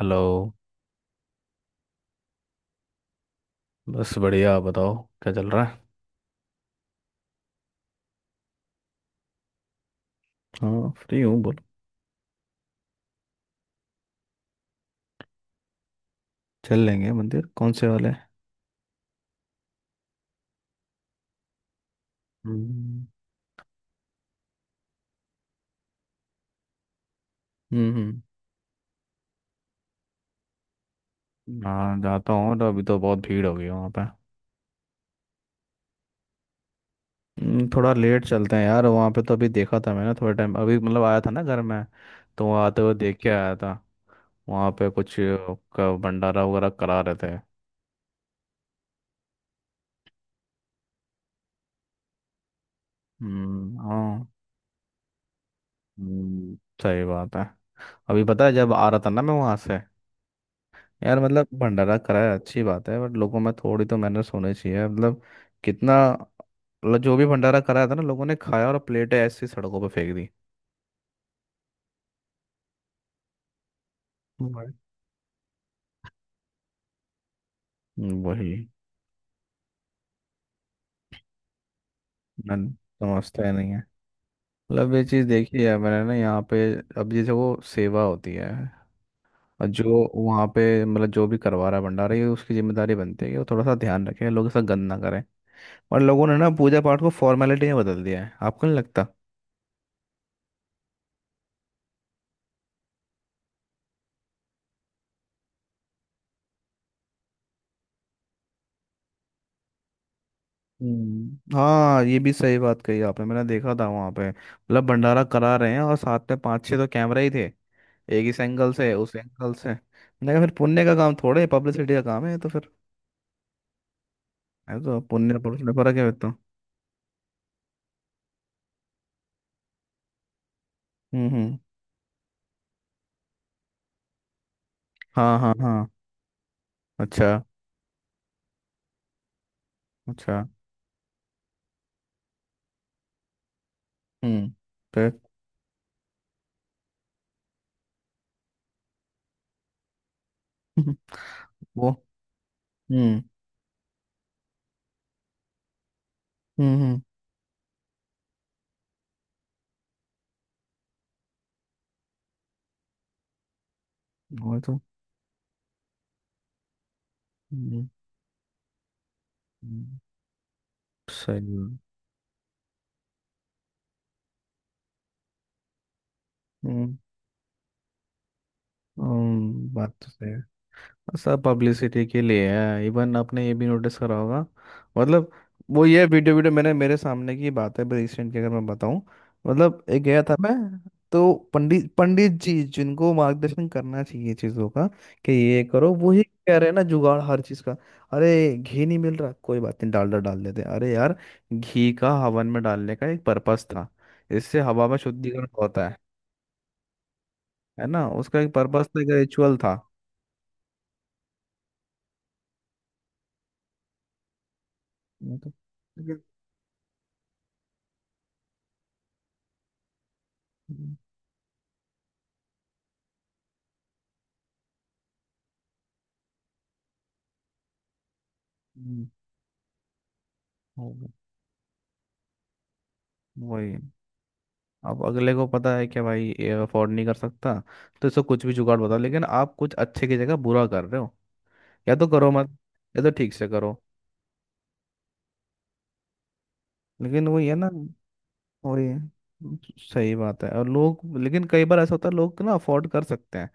Hello. बस बढ़िया, आप बताओ, क्या चल रहा है? हाँ, फ्री हूँ, बोलो। चल लेंगे। मंदिर कौन से वाले हैं? हम्म। हम्म, हम्म। हाँ, जाता हूँ तो अभी तो बहुत भीड़ हो गई है वहाँ पे। थोड़ा लेट चलते हैं यार, वहाँ पे तो अभी देखा था मैंने, थोड़ा टाइम अभी, मतलब आया था ना घर में। तो वहाँ आते हुए देख के आया था। वहाँ पे कुछ का भंडारा वगैरह करा रहे थे। हम्म, हाँ, हम्म। सही बात है। अभी पता है जब आ रहा था ना मैं वहाँ से। यार, मतलब भंडारा कराया अच्छी बात है, बट लोगों में थोड़ी तो मैनर्स होने चाहिए, मतलब। कितना? मतलब जो भी भंडारा कराया था ना, लोगों ने खाया और प्लेटें ऐसी सड़कों पर फेंक दी। वही। वही। मैं समझता ही नहीं है। मतलब ये चीज़ देखी है मैंने ना यहाँ पे। अब जैसे वो सेवा होती है, और जो वहाँ पे, मतलब जो भी करवा रहा है भंडारा, ये उसकी जिम्मेदारी बनती है कि वो थोड़ा सा ध्यान रखे, लोग ऐसा गंद ना करें। और लोगों ने ना पूजा पाठ को फॉर्मेलिटी में बदल दिया है, आपको नहीं लगता? हम्म, हाँ, ये भी सही बात कही आपने। मैंने देखा था वहां पे, मतलब भंडारा करा रहे हैं और साथ में पांच छह तो कैमरा ही थे। एक इस एंगल से, उस एंगल से, मैंने कहा फिर पुण्य का काम थोड़े पब्लिसिटी का काम है, तो फिर है तो पुण्य। पुण्य फर्क है फिर तो। हम्म, हम्म। हाँ, हाँ, हाँ। अच्छा। अच्छा। हम्म। फिर? वो। हम्म, हम्म, हम्म। वो तो। हम्म। हम्म, सही है। हम्म। बात तो सही है। सब पब्लिसिटी के लिए है। इवन आपने ये भी नोटिस करा होगा, मतलब वो, ये वीडियो वीडियो मैंने मेरे सामने की बात है, रिसेंट की अगर मैं बताऊं। मतलब एक गया था मैं, तो पंडित पंडित जी जिनको मार्गदर्शन करना चाहिए चीज़ों का कि ये करो, वो ही कह रहे हैं ना जुगाड़ हर चीज़ का। अरे घी नहीं मिल रहा, कोई बात नहीं, डालडा डाल देते। अरे यार, घी का हवन में डालने का एक पर्पस था, इससे हवा में शुद्धिकरण होता है। है ना, उसका एक पर्पस था, एक रिचुअल था। हम्म। वो- वही। अब अगले को पता है कि भाई ये अफोर्ड नहीं कर सकता, तो इसको कुछ भी जुगाड़ बताओ, लेकिन आप कुछ अच्छे की जगह बुरा कर रहे हो। या तो करो मत, या तो ठीक से करो। लेकिन वही है ना। वही है। सही बात है। और लोग, लेकिन कई बार ऐसा होता है, लोग ना अफोर्ड कर सकते हैं,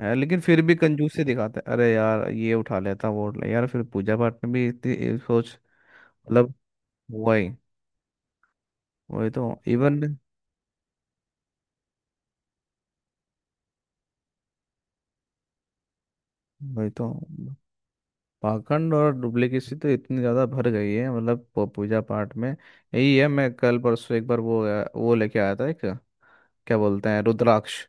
है, लेकिन फिर भी कंजूसी दिखाते हैं। अरे यार, ये उठा लेता, वो उठा ले यार, फिर पूजा पाठ में भी इतनी ये सोच, मतलब। वही। वही तो इवन। वही तो पाखंड और डुप्लीकेसी तो इतनी ज़्यादा भर गई है, मतलब पूजा पाठ में यही है। मैं कल परसों एक बार वो लेके आया था एक, क्या बोलते हैं, रुद्राक्ष।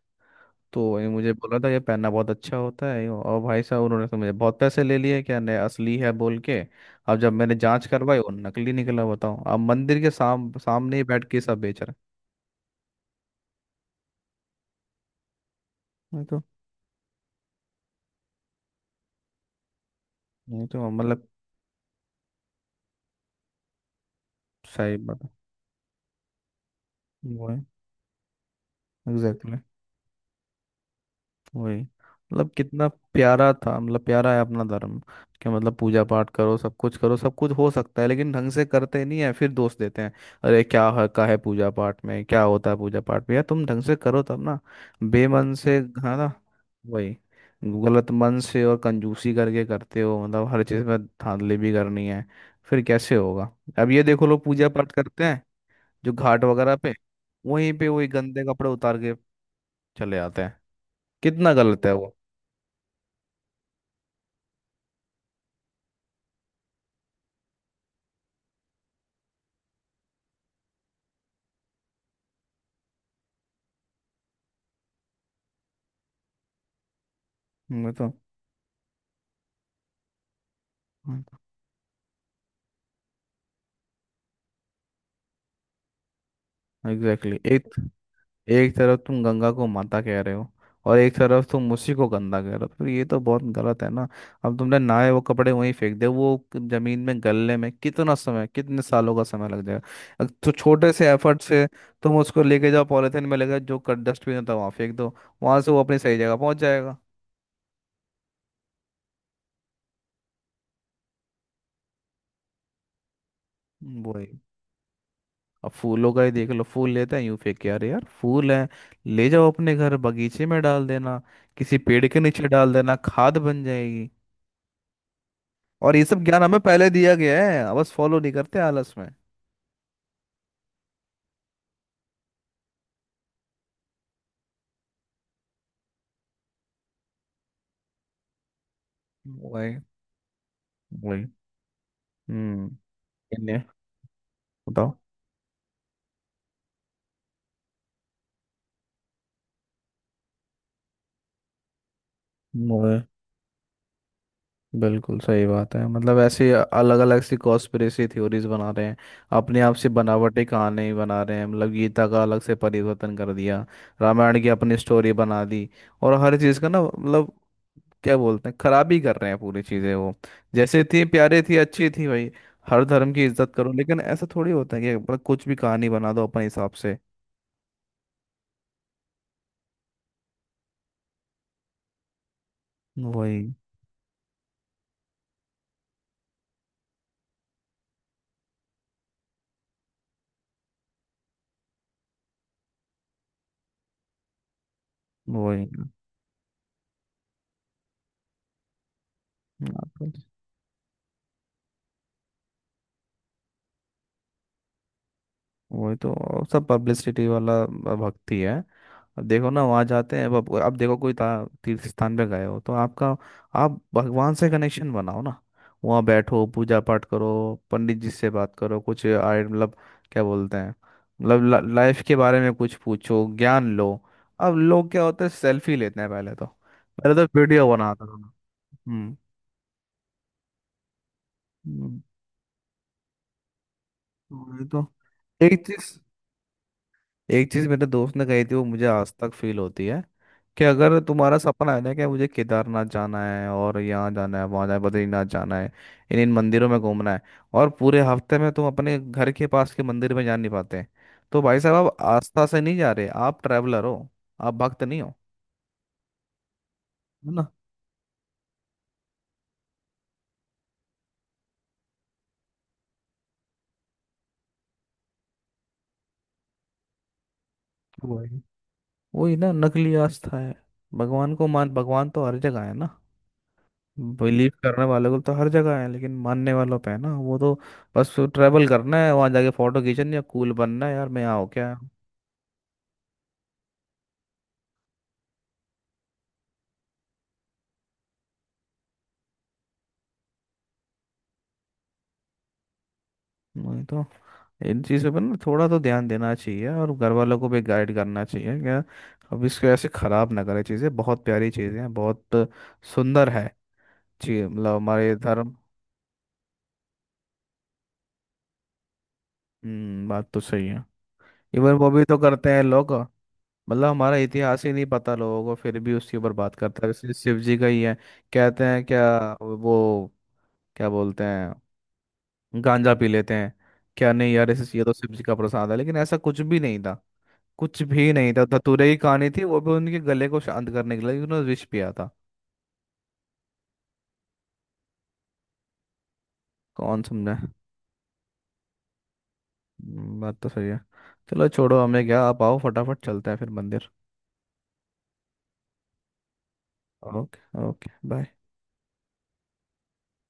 तो ये मुझे बोला था ये पहनना बहुत अच्छा होता है, और भाई साहब उन्होंने तो मुझे बहुत पैसे ले लिए, क्या नहीं असली है बोल के। अब जब मैंने जांच करवाई, वो नकली निकला। बताओ, अब मंदिर के सामने ही बैठ के सब बेच रहे हैं। नहीं तो। नहीं तो, मतलब। सही बात है। वो है। एग्जैक्टली। वही। मतलब कितना प्यारा था, मतलब प्यारा है अपना धर्म, कि मतलब पूजा पाठ करो, सब कुछ करो, सब कुछ हो सकता है, लेकिन ढंग से करते नहीं है फिर दोष देते हैं। अरे क्या हका है पूजा पाठ में? क्या होता है पूजा पाठ में? यार तुम ढंग से करो तब ना। बेमन से। हाँ ना। वही। गलत मन से और कंजूसी करके करते हो, मतलब हर चीज़ में धांधली भी करनी है। फिर कैसे होगा? अब ये देखो, लोग पूजा पाठ करते हैं जो घाट वगैरह पे, वहीं पे वही गंदे कपड़े उतार के चले आते हैं। कितना गलत है वो। मैं तो एग्जैक्टली exactly। एक एक तरफ तुम गंगा को माता कह रहे हो, और एक तरफ तुम उसी को गंदा कह रहे हो, तो ये तो बहुत गलत है ना। अब तुमने नहाए वो कपड़े वहीं फेंक दे वो, जमीन में गलने में कितना समय, कितने सालों का समय लग जाएगा। तो छोटे से एफर्ट से तुम उसको लेके जाओ, पॉलीथिन में लेके जाओ, जो डस्टबिन होता है तो वहाँ फेंक दो। वहां से वो अपनी सही जगह पहुंच जाएगा। वही। अब फूलों का ही देख लो, फूल लेते हैं यूं फेंक के। अरे यार, फूल है, ले जाओ अपने घर बगीचे में डाल देना, किसी पेड़ के नीचे डाल देना, खाद बन जाएगी। और ये सब ज्ञान हमें पहले दिया गया है, अब बस फॉलो नहीं करते आलस में। वही। वही। हम्म। इन्हें बताओ। वही। बिल्कुल सही बात है। मतलब ऐसे अलग अलग सी कॉन्स्पिरेसी थ्योरीज बना रहे हैं, अपने आप से बनावटी कहानी बना रहे हैं। मतलब गीता का अलग से परिवर्तन कर दिया, रामायण की अपनी स्टोरी बना दी। और हर चीज़ का ना, मतलब क्या बोलते हैं, खराब ही कर रहे हैं पूरी चीजें वो। जैसे थी प्यारे थी अच्छी थी भाई। हर धर्म की इज्जत करो, लेकिन ऐसा थोड़ी होता है कि मतलब कुछ भी कहानी बना दो अपने हिसाब से। वही। वही। हाँ, वही तो। और सब पब्लिसिटी वाला भक्ति है। अब देखो ना, वहाँ जाते हैं। अब देखो कोई तीर्थ स्थान पे गए हो तो आपका, आप भगवान से कनेक्शन बनाओ ना, वहाँ बैठो, पूजा पाठ करो, पंडित जी से बात करो, कुछ आय मतलब, क्या बोलते हैं, मतलब लाइफ के बारे में कुछ पूछो, ज्ञान लो। अब लोग क्या होते हैं, सेल्फी लेते हैं। पहले तो वीडियो बनाता था ना। हम्म। हम्म, वही तो। एक चीज एक चीज मेरे दोस्त ने कही थी, वो मुझे आज तक फील होती है, कि अगर तुम्हारा सपना है ना कि मुझे केदारनाथ जाना है, और यहाँ जाना है, वहाँ जाना है, बद्रीनाथ जाना है, इन इन मंदिरों में घूमना है, और पूरे हफ्ते में तुम अपने घर के पास के मंदिर में जा नहीं पाते, तो भाई साहब आप आस्था से नहीं जा रहे, आप ट्रैवलर हो, आप भक्त नहीं हो। है ना। वही। वही ना, नकली आस्था है। भगवान को मान, भगवान तो हर जगह है ना। बिलीव करने वाले को तो हर जगह है, लेकिन मानने वालों पे है ना वो तो। बस ट्रैवल करना है, वहां जाके फोटो खींचनी है, कूल बनना है, यार मैं यहाँ हो क्या। वही तो। इन चीज़ों पर ना थोड़ा तो ध्यान देना चाहिए, और घर वालों को भी गाइड करना चाहिए क्या। अब इसको ऐसे खराब ना करें, चीज़ें बहुत प्यारी चीज़ें हैं, बहुत सुंदर है जी, मतलब हमारे धर्म। हम्म, बात तो सही है। इवन वो भी तो करते हैं लोग। मतलब हमारा इतिहास ही नहीं पता लोगों को, फिर भी उसके ऊपर बात करता है। जैसे शिव जी का ही है, कहते हैं क्या वो, क्या बोलते हैं, गांजा पी लेते हैं, क्या नहीं। यार ऐसे ये तो शिव जी का प्रसाद है, लेकिन ऐसा कुछ भी नहीं था। कुछ भी नहीं था, धतूरे की कहानी थी, वो भी उनके गले को शांत करने के लिए उन्होंने विष पिया था। कौन समझा। बात तो सही है। चलो छोड़ो हमें क्या, आप आओ फटाफट, चलते हैं फिर मंदिर। Okay, okay, bye.